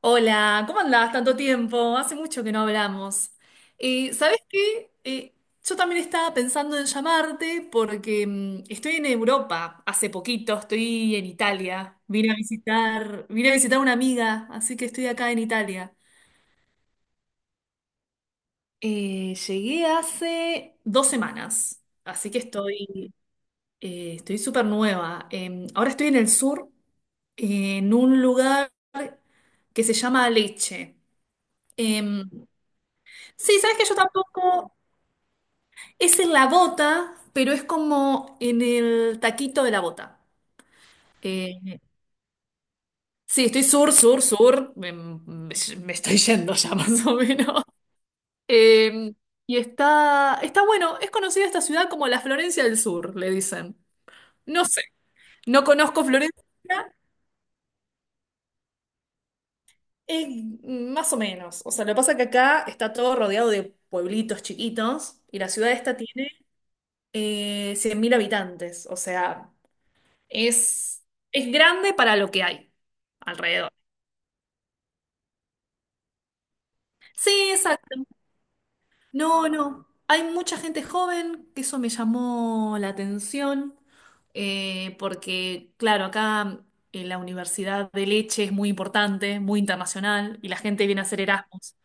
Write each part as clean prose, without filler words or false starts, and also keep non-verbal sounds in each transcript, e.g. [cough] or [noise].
Hola, ¿cómo andás? Tanto tiempo, hace mucho que no hablamos. ¿Sabés qué? Yo también estaba pensando en llamarte porque estoy en Europa hace poquito, estoy en Italia. Vine a visitar a una amiga, así que estoy acá en Italia. Llegué hace 2 semanas, así que estoy súper nueva. Ahora estoy en el sur, en un lugar que se llama Lecce. Em, Sí, sabes que yo tampoco. Es en la bota, pero es como en el taquito de la bota. Eh, sí, estoy sur, sur, sur. Me estoy yendo ya [laughs] más o menos. Eh, y está bueno. Es conocida esta ciudad como la Florencia del Sur, le dicen. No sé, no conozco Florencia. Es más o menos. O sea, lo que pasa es que acá está todo rodeado de pueblitos chiquitos y la ciudad esta tiene 100.000 habitantes. O sea. Es, es grande para lo que hay alrededor. Sí, exacto. No, no. Hay mucha gente joven, que eso me llamó la atención, porque, claro, acá en la Universidad de Leche es muy importante, muy internacional, y la gente viene a hacer Erasmus.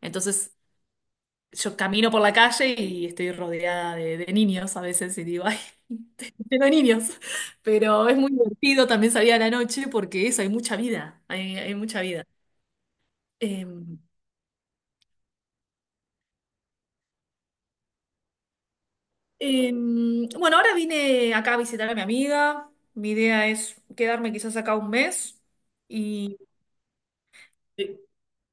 Entonces, yo camino por la calle y estoy rodeada de niños a veces y digo, ay, [laughs] tengo niños. Pero es muy divertido, también salir a la noche porque eso, hay mucha vida, hay mucha vida. Em, bueno, ahora vine acá a visitar a mi amiga. Mi idea es quedarme quizás acá un mes y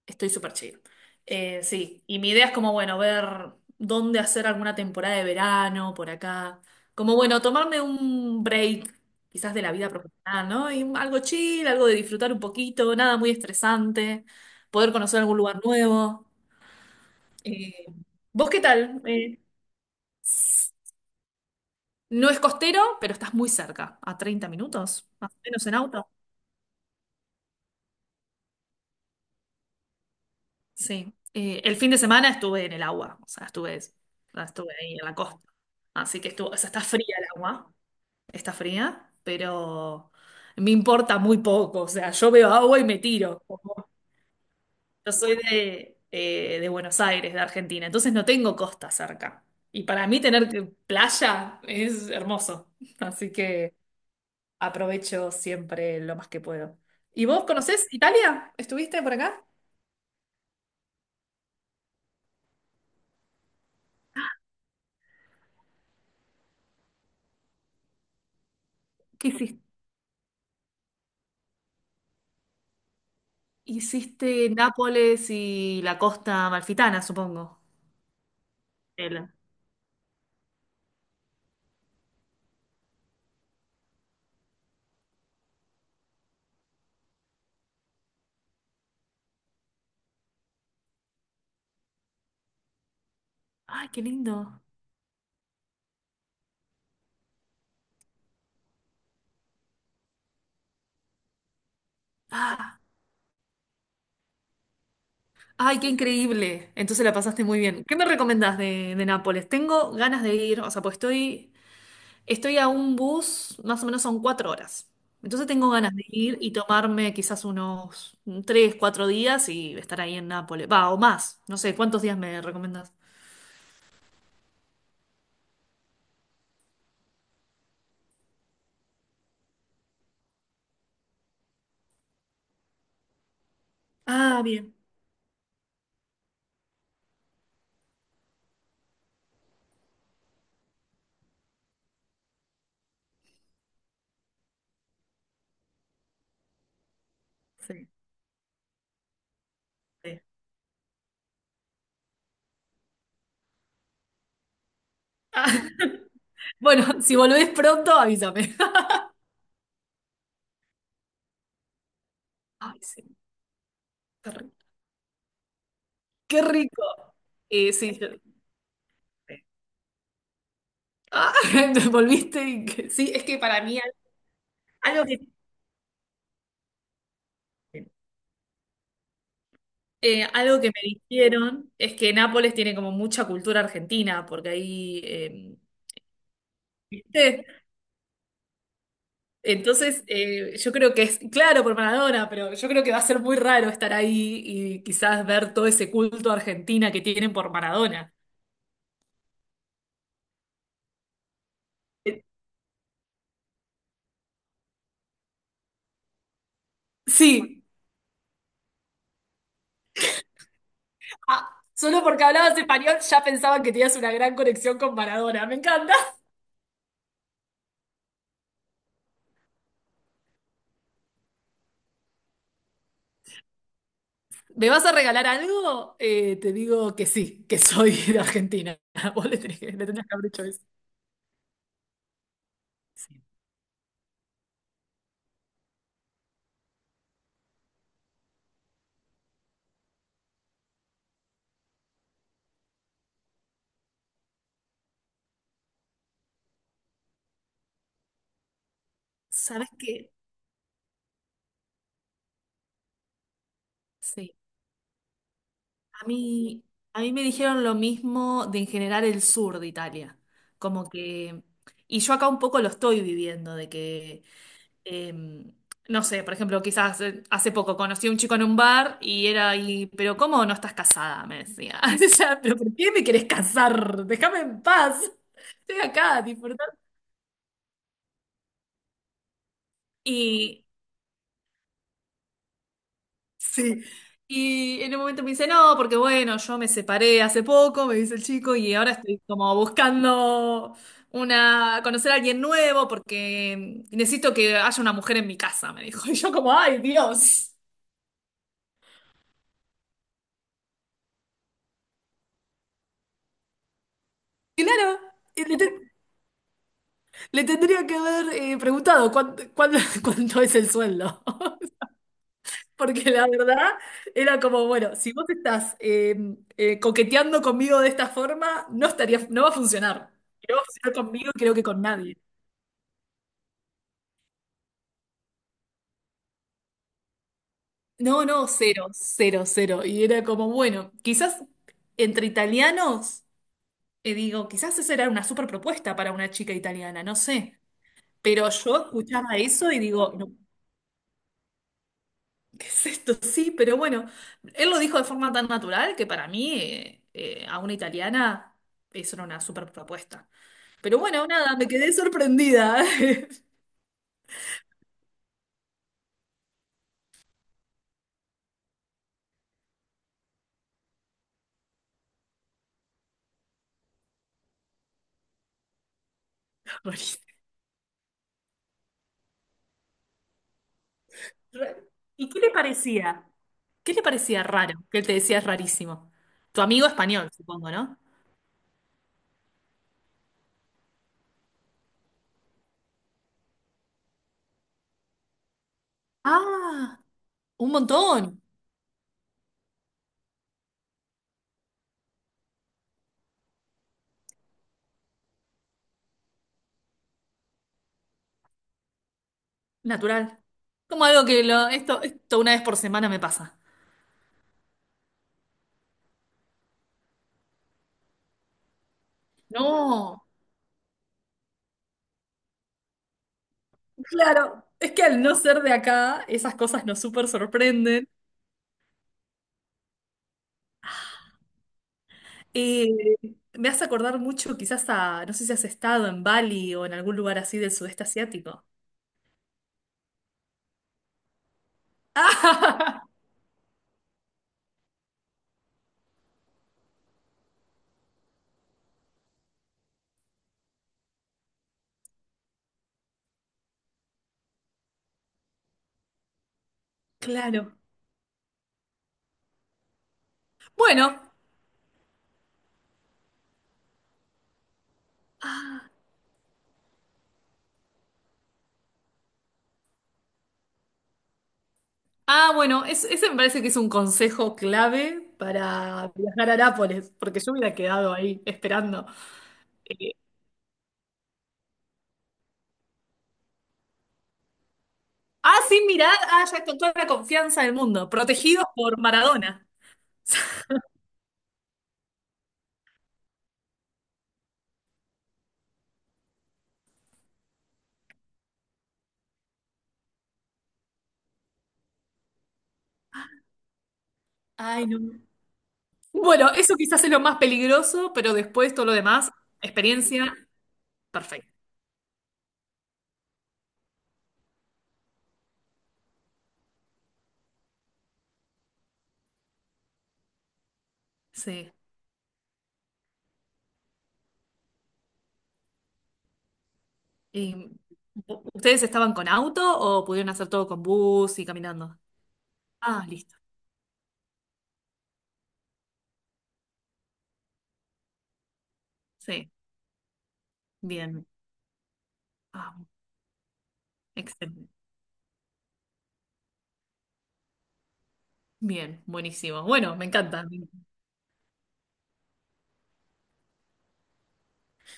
estoy súper chill. Sí, y mi idea es como, bueno, ver dónde hacer alguna temporada de verano por acá. Como, bueno, tomarme un break quizás de la vida profesional, ¿no? Y algo chill, algo de disfrutar un poquito, nada muy estresante, poder conocer algún lugar nuevo. Eh, ¿Vos qué tal? No es costero, pero estás muy cerca, a 30 minutos, más o menos en auto. Sí. El fin de semana estuve en el agua, o sea, estuve ahí en la costa. Así que estuvo, o sea, está fría el agua, está fría, pero me importa muy poco, o sea, yo veo agua y me tiro. Yo soy de Buenos Aires, de Argentina, entonces no tengo costa cerca. Y para mí tener playa es hermoso. Así que aprovecho siempre lo más que puedo. ¿Y vos conocés Italia? ¿Estuviste por acá? ¿Qué hiciste? Hiciste Nápoles y la costa amalfitana, supongo. El- Ay, qué lindo. Ah, ay, qué increíble. Entonces la pasaste muy bien. ¿Qué me recomendás de Nápoles? Tengo ganas de ir, o sea, pues estoy a un bus, más o menos son 4 horas. Entonces tengo ganas de ir y tomarme quizás unos 3, 4 días y estar ahí en Nápoles. Va, o más. No sé, ¿cuántos días me recomendás? Ah, bien. Sí. Sí. Ah, [laughs] bueno, si volvés pronto, avísame. [laughs] Ay, sí, qué rico. Qué rico. Sí. Sí. Ah, [laughs] Volviste. Sí, es que para mí. Algo que, algo que me dijeron es que Nápoles tiene como mucha cultura argentina, porque ahí, ¿viste? Entonces, yo creo que es, claro, por Maradona, pero yo creo que va a ser muy raro estar ahí y quizás ver todo ese culto a Argentina que tienen por Maradona. Eh, Sí, ah, solo porque hablabas español ya pensaban que tenías una gran conexión con Maradona. Me encanta. ¿Me vas a regalar algo? Te digo que sí, que soy de Argentina. [laughs] Vos le tenés, que le tendrías que haber dicho eso. Sí. ¿Sabes qué? Sí. A mí, a mí me dijeron lo mismo de en general el sur de Italia. Como que. Y yo acá un poco lo estoy viviendo, de que eh, no sé, por ejemplo, quizás hace poco conocí a un chico en un bar y era ahí, pero ¿cómo no estás casada? Me decía. [laughs] O sea, pero ¿por qué me querés casar? Déjame en paz. Estoy acá, a disfrutar. Y sí. Y en un momento me dice, no, porque bueno, yo me separé hace poco, me dice el chico, y ahora estoy como buscando conocer a alguien nuevo porque necesito que haya una mujer en mi casa, me dijo. [laughs] Y yo como, ay, Dios. Claro. Le tendría que haber preguntado [laughs] cuánto es el sueldo. [laughs] Porque la verdad era como, bueno, si vos estás coqueteando conmigo de esta forma, no estaría, no va a funcionar. Y no va a funcionar conmigo, creo que con nadie. No, no, cero, cero, cero. Y era como, bueno, quizás entre italianos, digo, quizás esa era una super propuesta para una chica italiana, no sé. Pero yo escuchaba eso y digo, no. [laughs] ¿Qué es esto? Sí, pero bueno, él lo dijo de forma tan natural que para mí, a una italiana, eso era una super propuesta. Pero bueno, nada, me quedé sorprendida. [laughs] Rarísimo. ¿Y qué le parecía? ¿Qué le parecía raro? Que él te decía es rarísimo. Tu amigo español, supongo, ¿no? Ah, un montón. Natural. Como algo que esto una vez por semana me pasa. No, claro, es que al no ser de acá, esas cosas nos súper sorprenden. Eh, me hace acordar mucho quizás a, no sé si has estado en Bali o en algún lugar así del sudeste asiático. [laughs] Claro. bueno, Ah, ah, bueno, es- ese me parece que es un consejo clave para viajar a Nápoles, porque yo hubiera quedado ahí esperando. Eh, sí, mirá, ya con toda la confianza del mundo, protegidos por Maradona. [laughs] Ay, no. Bueno, eso quizás es lo más peligroso, pero después todo lo demás, experiencia, perfecto. Sí. Eh, ¿Ustedes estaban con auto o pudieron hacer todo con bus y caminando? Ah, listo. Sí, bien. Ah, excelente. Bien, buenísimo. Bueno, me encanta.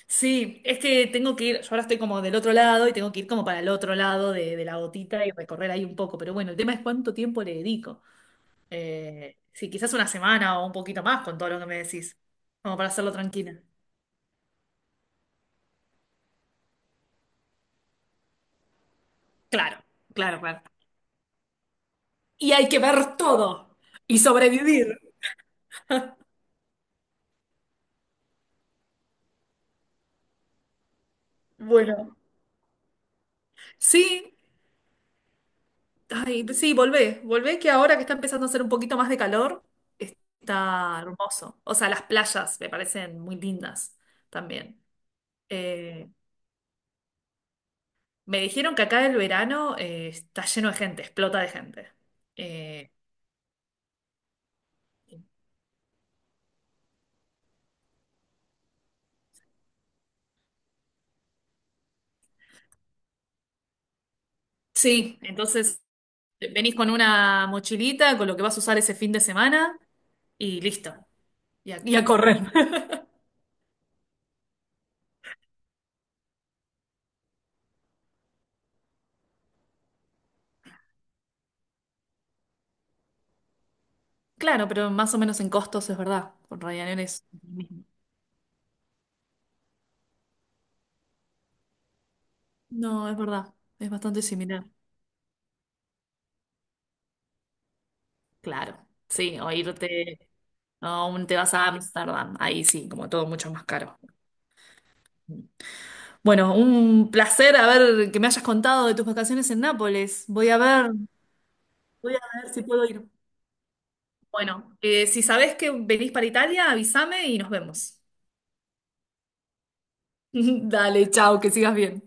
Sí, es que tengo que ir, yo ahora estoy como del otro lado y tengo que ir como para el otro lado de la gotita y recorrer ahí un poco, pero bueno, el tema es cuánto tiempo le dedico. Sí, quizás una semana o un poquito más con todo lo que me decís, como para hacerlo tranquila. Claro, claro, claro. Y hay que ver todo y sobrevivir. Bueno, sí, ay, sí, volvé, volvé que ahora que está empezando a hacer un poquito más de calor, está hermoso. O sea, las playas me parecen muy lindas también. Eh, me dijeron que acá el verano está lleno de gente, explota de gente. Eh, sí, entonces venís con una mochilita, con lo que vas a usar ese fin de semana y listo. Y a correr. [laughs] Claro, pero más o menos en costos es verdad. Con Ryanair es. No, es verdad. Es bastante similar. Claro, sí, o irte, o te vas a Ámsterdam, ahí sí, como todo mucho más caro. Bueno, un placer haber que me hayas contado de tus vacaciones en Nápoles. Voy a ver si puedo ir. Bueno, si sabés que venís para Italia, avísame y nos vemos. [laughs] Dale, chao, que sigas bien.